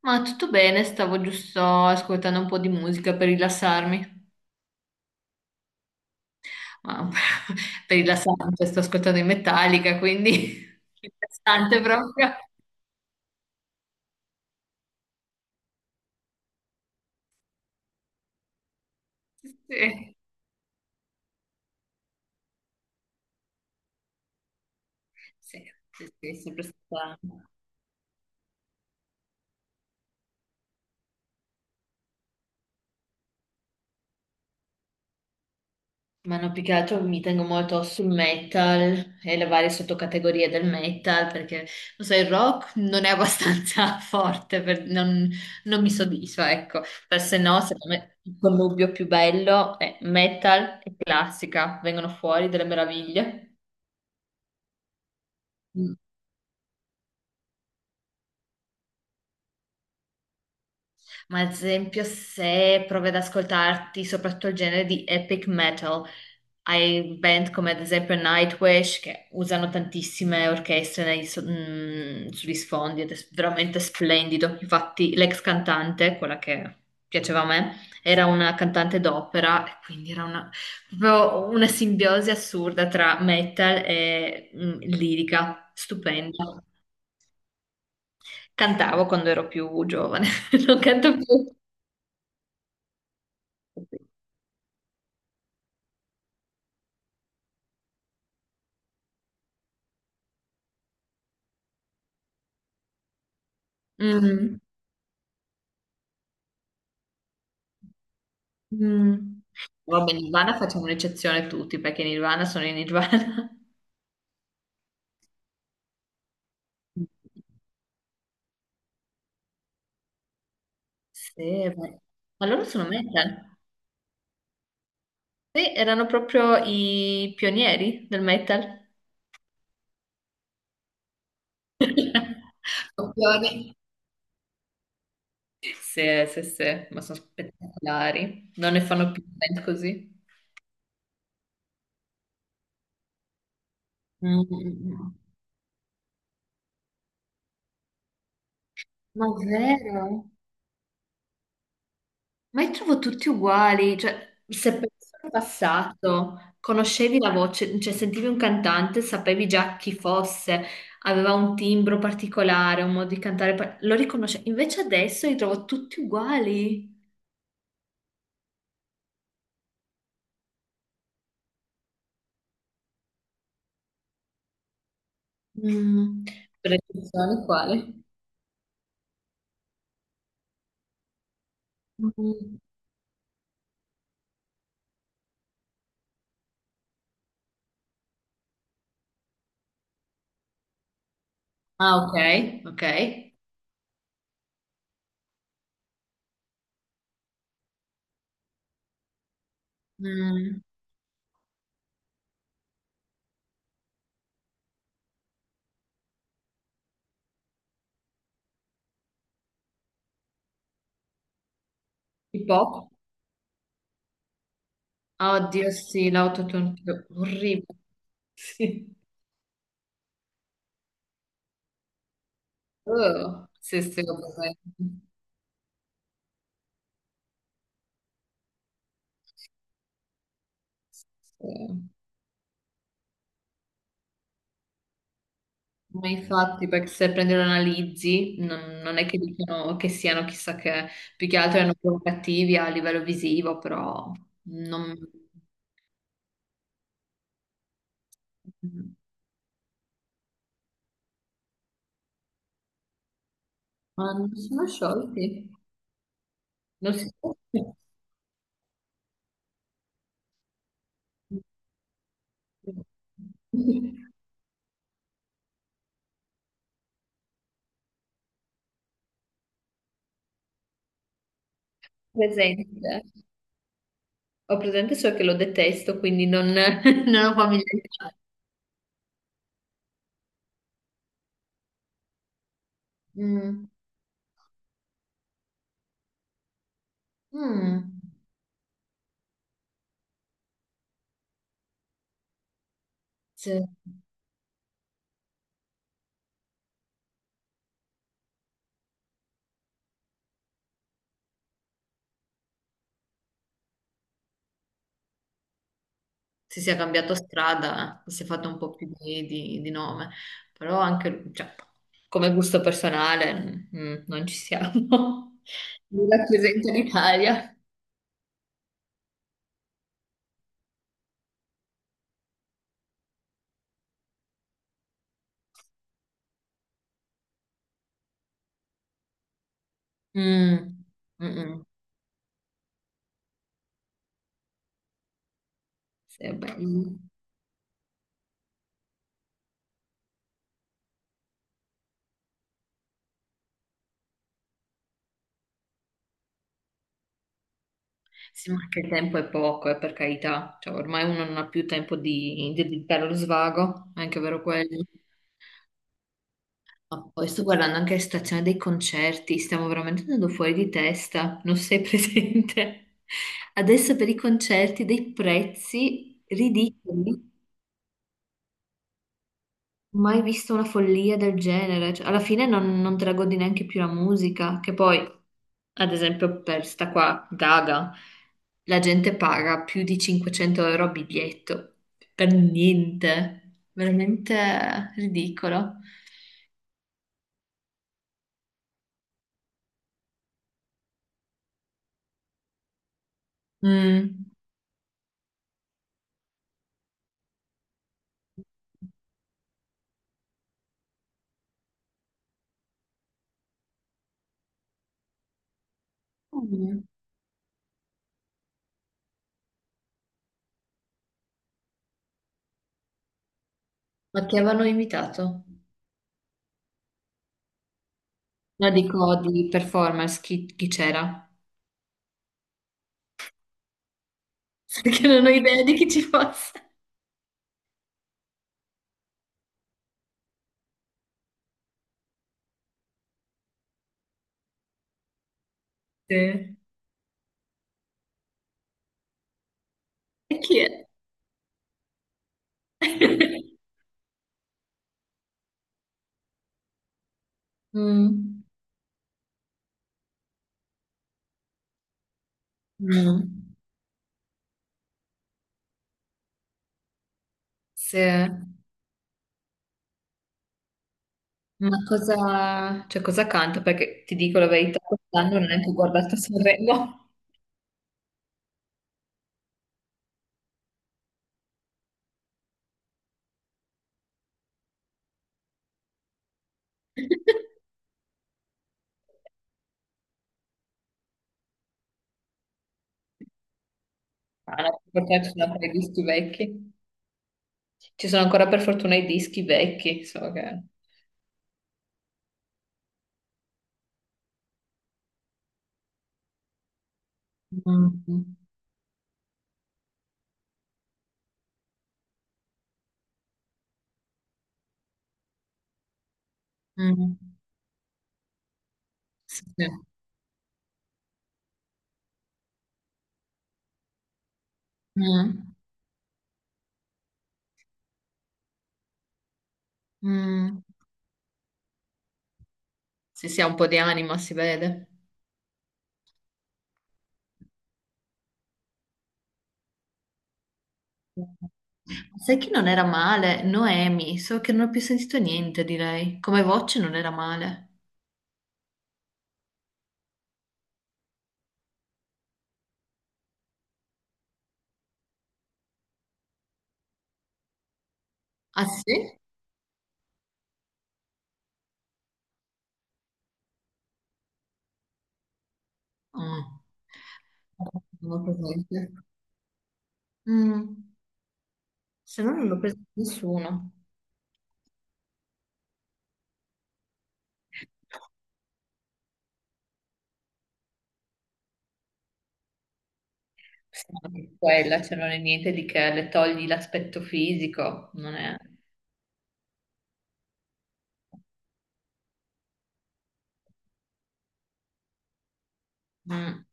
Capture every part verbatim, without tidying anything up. Ma tutto bene, stavo giusto ascoltando un po' di musica per rilassarmi. Ma per rilassarmi, cioè, sto ascoltando in Metallica, quindi interessante proprio. Sì, sì, sì, sì, sempre stato. Ma no, più che altro mi tengo molto sul metal e le varie sottocategorie del metal perché, lo so, il rock non è abbastanza forte, per- non, non mi soddisfa, ecco. Per se no, secondo me il connubio più bello è metal e classica, vengono fuori delle meraviglie. Ma ad esempio, se provi ad ascoltarti soprattutto il genere di epic metal, hai band come ad esempio Nightwish che usano tantissime orchestre nei so- mm, sugli sfondi ed è s- veramente splendido. Infatti, l'ex cantante, quella che piaceva a me, era una cantante d'opera e quindi era una, proprio una simbiosi assurda tra metal e mm, lirica, stupenda. Cantavo quando ero più giovane, non canto più. Mm, mm. Vabbè, in Nirvana facciamo un'eccezione tutti perché Nirvana sono in Nirvana. Sì, beh, ma loro sono metal. Sì, erano proprio i pionieri del metal. Copioni. Sì, sì, sì, ma sono spettacolari. Non ne fanno più band così. Mm, mm, mm. Ma vero? Ma li trovo tutti uguali, cioè se penso al passato, conoscevi la voce, cioè sentivi un cantante, sapevi già chi fosse, aveva un timbro particolare, un modo di cantare, par- lo riconoscevi. Invece adesso li trovo tutti uguali. Mm. Per eccezione quale? Mm. Ah, ok, ok. Mm. Hip hop? Ah, oddio, sì, l'autotune, orribile. Sì. Oh, sì, sì, ovviamente. Sì. Ma infatti, perché se prendi e lo analizzi, non, non è che dicono che siano chissà che, più che altro erano provocativi a livello visivo, però non, ma non sono sciolti. Non si... Presente. Ho presente solo che lo detesto, quindi non, non ho familiarità. Mm. Mm. Sì, si sia cambiato strada, eh, si è fatto un po' più di, di- di nome, però anche cioè, come gusto personale mm, mm, non ci siamo. Mi rappresenta l'Italia. Mm, mm, mm. Sì, vabbè, mm. Sì, ma anche il tempo è poco, eh, per carità. Cioè, ormai uno non ha più tempo di, di dedicare allo svago, è anche vero quello. Ma poi sto guardando anche la situazione dei concerti, stiamo veramente andando fuori di testa, non sei presente? Adesso per i concerti dei prezzi ridicoli, mai visto una follia del genere. Cioè, alla fine non, non te la godi neanche più la musica, che poi, ad esempio per sta qua, Gaga, la gente paga più di cinquecento euro a biglietto, per niente, veramente ridicolo. Mm. Mm. Ma chi avevano invitato? No, dico di performance, chi, chi c'era? Perché non ho idea di chi ci fosse. Sì. E chi è? Mm, mm, sì. Ma cosa, cioè, cosa canta? Perché ti dico la verità, quest'anno non ho neanche guardato Sanremo. Ah, no, per fortuna ci sono ancora i dischi vecchi. Ci sono ancora per fortuna i dischi vecchi, so che... Mm, mm, sì. Mm, mm. Se si ha un po' di anima, si vede. Sai che non era male? Noemi, so che non ho più sentito niente di lei. Come voce non era male. Ah sì? Ah. Non ho presente. Mm. Se no non l'ho presa nessuno. Sì, ma anche quella, cioè non è niente di che le togli l'aspetto fisico, non è... Mm.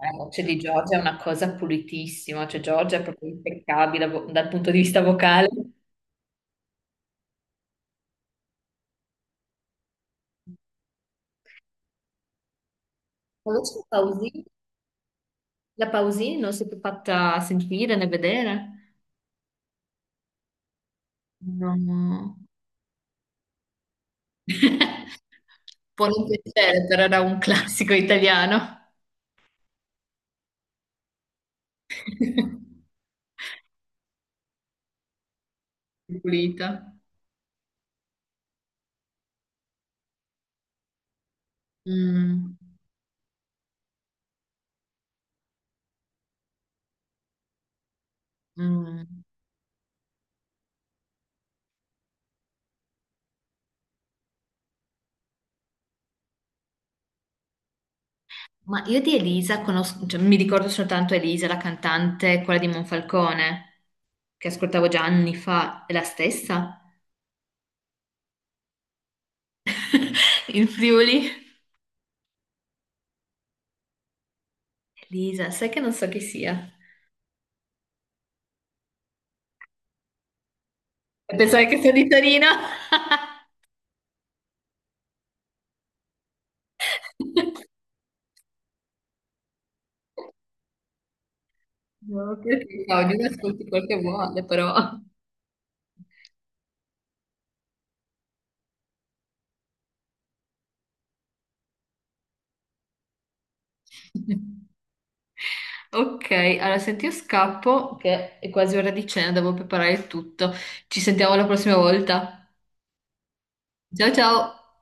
La voce di Giorgia è una cosa pulitissima, cioè Giorgia è proprio impeccabile vo- dal punto di vista vocale. La voce di Pausini. La Pausini non si è più fatta sentire né vedere? No, no. Può non piacere, però era un classico italiano. Pulita. Mm, mm. Ma io di Elisa conosco, cioè, mi ricordo soltanto Elisa, la cantante, quella di Monfalcone, che ascoltavo già anni fa, è la stessa in Friuli. Elisa, sai che non so chi sia? Pensare che sia di Torino? No, perché no, ognuno ascolti quel che vuole, però. Ok, allora senti, io scappo, che è quasi ora di cena, devo preparare tutto. Ci sentiamo la prossima volta. Ciao ciao!